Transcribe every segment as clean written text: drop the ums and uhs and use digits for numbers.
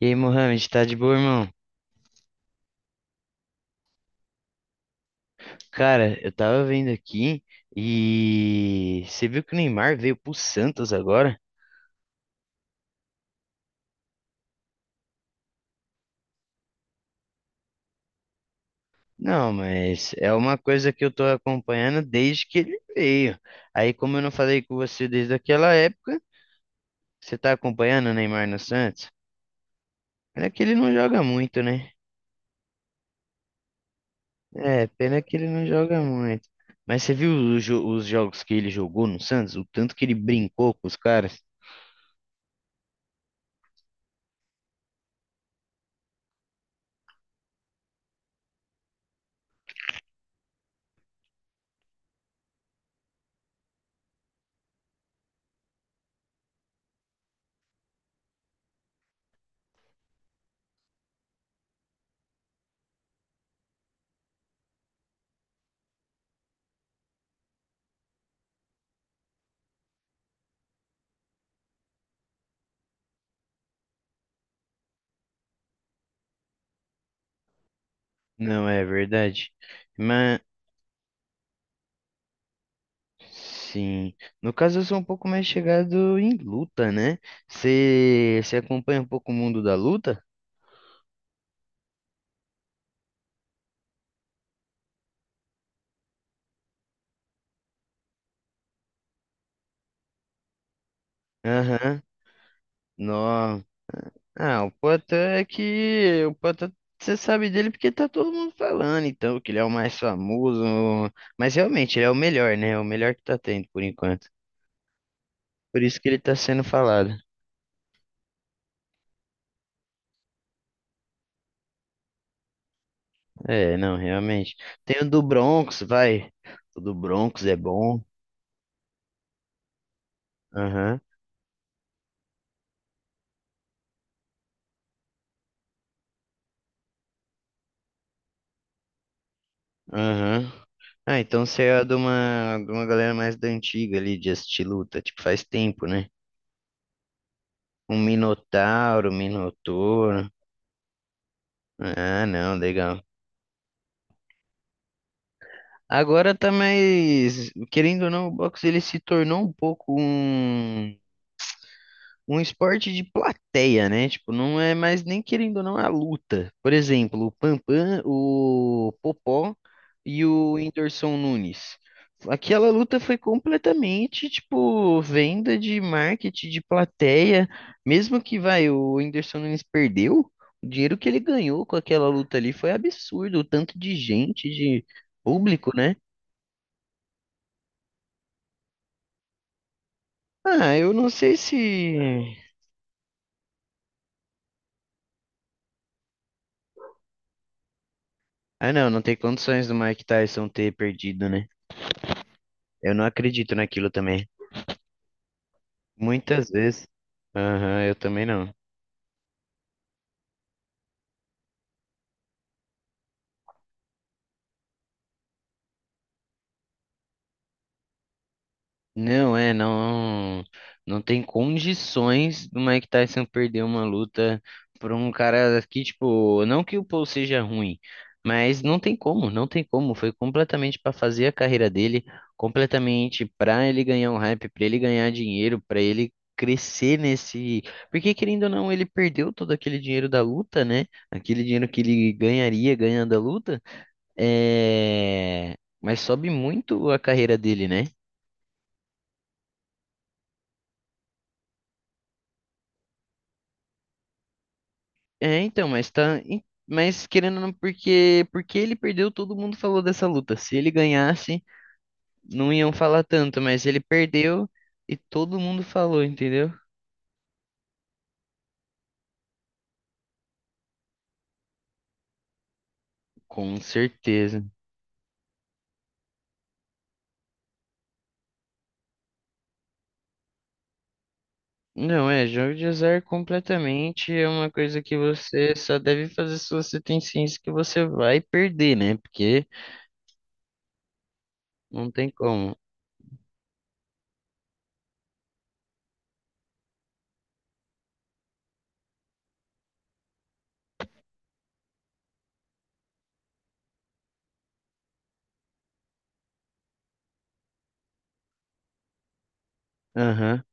E aí, Mohamed, tá de boa, irmão? Cara, eu tava vendo aqui e você viu que o Neymar veio pro Santos agora? Não, mas é uma coisa que eu tô acompanhando desde que ele veio. Aí, como eu não falei com você desde aquela época, você tá acompanhando o Neymar no Santos? Pena que ele não joga muito, né? É, pena que ele não joga muito. Mas você viu os, os jogos que ele jogou no Santos? O tanto que ele brincou com os caras? Não é verdade? Sim. No caso, eu sou um pouco mais chegado em luta, né? Você acompanha um pouco o mundo da luta? Aham. Nó. Ah, o Poatan é que. O Poatan, você sabe dele porque tá todo mundo falando, então, que ele é o mais famoso. Mas realmente, ele é o melhor, né? É o melhor que tá tendo por enquanto. Por isso que ele tá sendo falado. É, não, realmente. Tem o do Bronx, vai. O do Bronx é bom. Aham, aham. Ah, então você é de uma galera mais da antiga ali, de assistir luta, tipo, faz tempo, né? Um Minotauro, um Minotouro. Ah, não, legal. Agora tá mais, querendo ou não, o boxe ele se tornou um pouco um um esporte de plateia, né? Tipo, não é mais nem querendo ou não é a luta. Por exemplo, o Pampam, o Popó e o Whindersson Nunes. Aquela luta foi completamente, tipo, venda de marketing, de plateia. Mesmo que, vai, o Whindersson Nunes perdeu, o dinheiro que ele ganhou com aquela luta ali foi absurdo. O tanto de gente, de público, né? Ah, eu não sei se... Ah, não, não tem condições do Mike Tyson ter perdido, né? Eu não acredito naquilo também. Muitas vezes. Aham, eu também não. Não, é, não, não tem condições do Mike Tyson perder uma luta por um cara que, tipo, não que o Paul seja ruim, mas não tem como, não tem como. Foi completamente para fazer a carreira dele, completamente para ele ganhar um hype, para ele ganhar dinheiro, para ele crescer nesse. Porque, querendo ou não, ele perdeu todo aquele dinheiro da luta, né? Aquele dinheiro que ele ganharia ganhando a luta. É, mas sobe muito a carreira dele, né? É, então, mas tá. em- Mas querendo ou não, porque ele perdeu, todo mundo falou dessa luta. Se ele ganhasse, não iam falar tanto, mas ele perdeu e todo mundo falou, entendeu? Com certeza. Não, é, jogo de azar completamente é uma coisa que você só deve fazer se você tem ciência que você vai perder, né? Porque não tem como. Aham.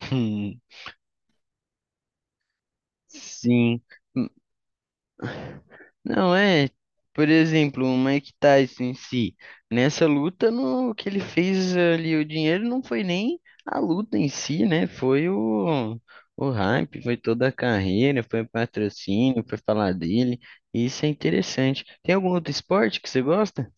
Sim. Não é, por exemplo, o Mike Tyson em si, nessa luta, no, o que ele fez ali, o dinheiro não foi nem a luta em si, né? Foi o hype, foi toda a carreira, foi o patrocínio, foi falar dele. Isso é interessante. Tem algum outro esporte que você gosta?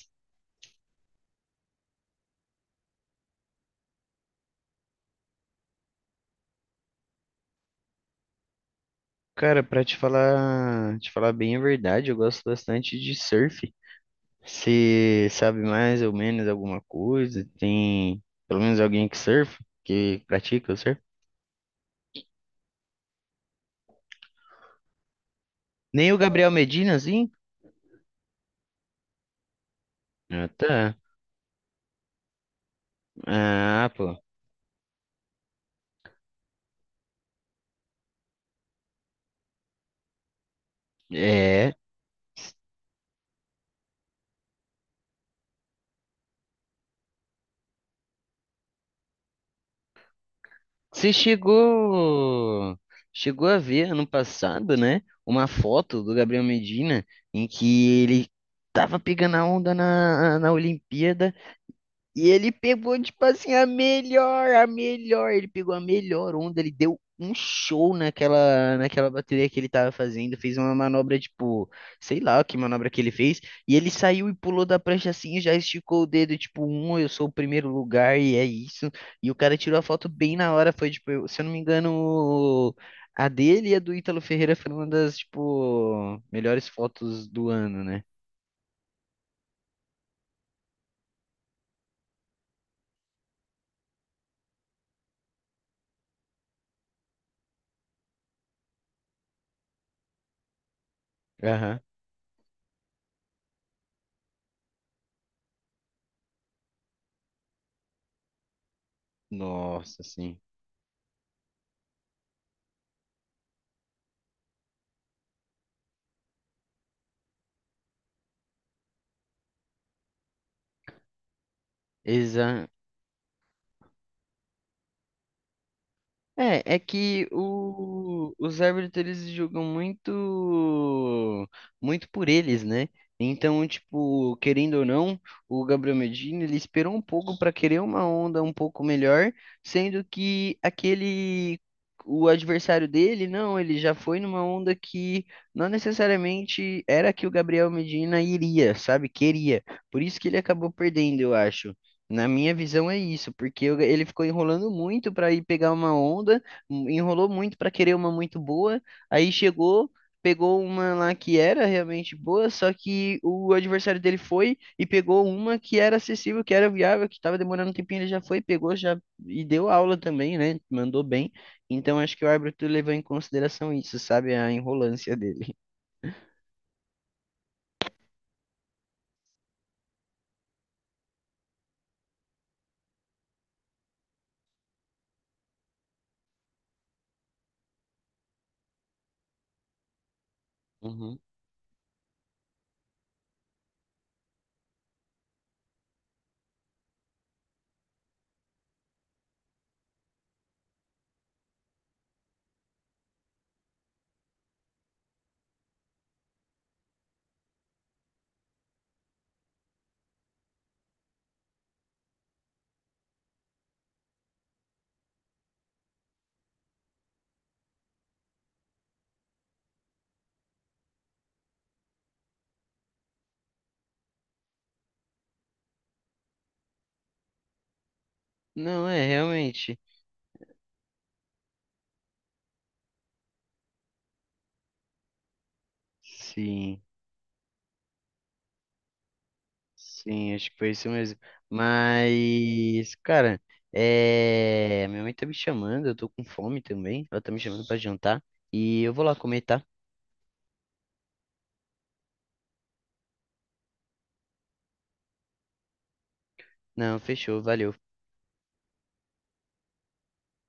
Cara, pra te falar bem a verdade, eu gosto bastante de surf. Você sabe mais ou menos alguma coisa? Tem pelo menos alguém que surfa, que pratica o surf? Nem o Gabriel Medina, assim? Ah, tá. Ah, pô. É. Você chegou. Chegou a ver ano passado, né? Uma foto do Gabriel Medina em que ele tava pegando a onda na, na Olimpíada. E ele pegou, tipo assim, a melhor, a melhor. Ele pegou a melhor onda, ele deu um show naquela, naquela bateria que ele tava fazendo. Fez uma manobra, tipo, sei lá que manobra que ele fez. E ele saiu e pulou da prancha assim, e já esticou o dedo, tipo, um, eu sou o primeiro lugar e é isso. E o cara tirou a foto bem na hora. Foi, tipo, eu- se eu não me engano, a dele e a do Ítalo Ferreira foi uma das, tipo, melhores fotos do ano, né? Aham. Nossa, sim. Exa É, é que o, os árbitros eles julgam muito muito por eles, né? Então, tipo, querendo ou não, o Gabriel Medina ele esperou um pouco para querer uma onda um pouco melhor, sendo que aquele o adversário dele, não, ele já foi numa onda que não necessariamente era a que o Gabriel Medina iria, sabe? Queria. Por isso que ele acabou perdendo, eu acho. Na minha visão é isso, porque eu- ele ficou enrolando muito para ir pegar uma onda, enrolou muito para querer uma muito boa, aí chegou, pegou uma lá que era realmente boa, só que o adversário dele foi e pegou uma que era acessível, que era viável, que estava demorando um tempinho, ele já foi, pegou já e deu aula também, né? Mandou bem. Então acho que o árbitro levou em consideração isso, sabe? A enrolância dele. Uhum. Não, é realmente. Sim. Sim, acho que foi isso mesmo. Mas, cara, é... minha mãe tá me chamando, eu tô com fome também. Ela tá me chamando pra jantar. E eu vou lá comer, tá? Não, fechou, valeu.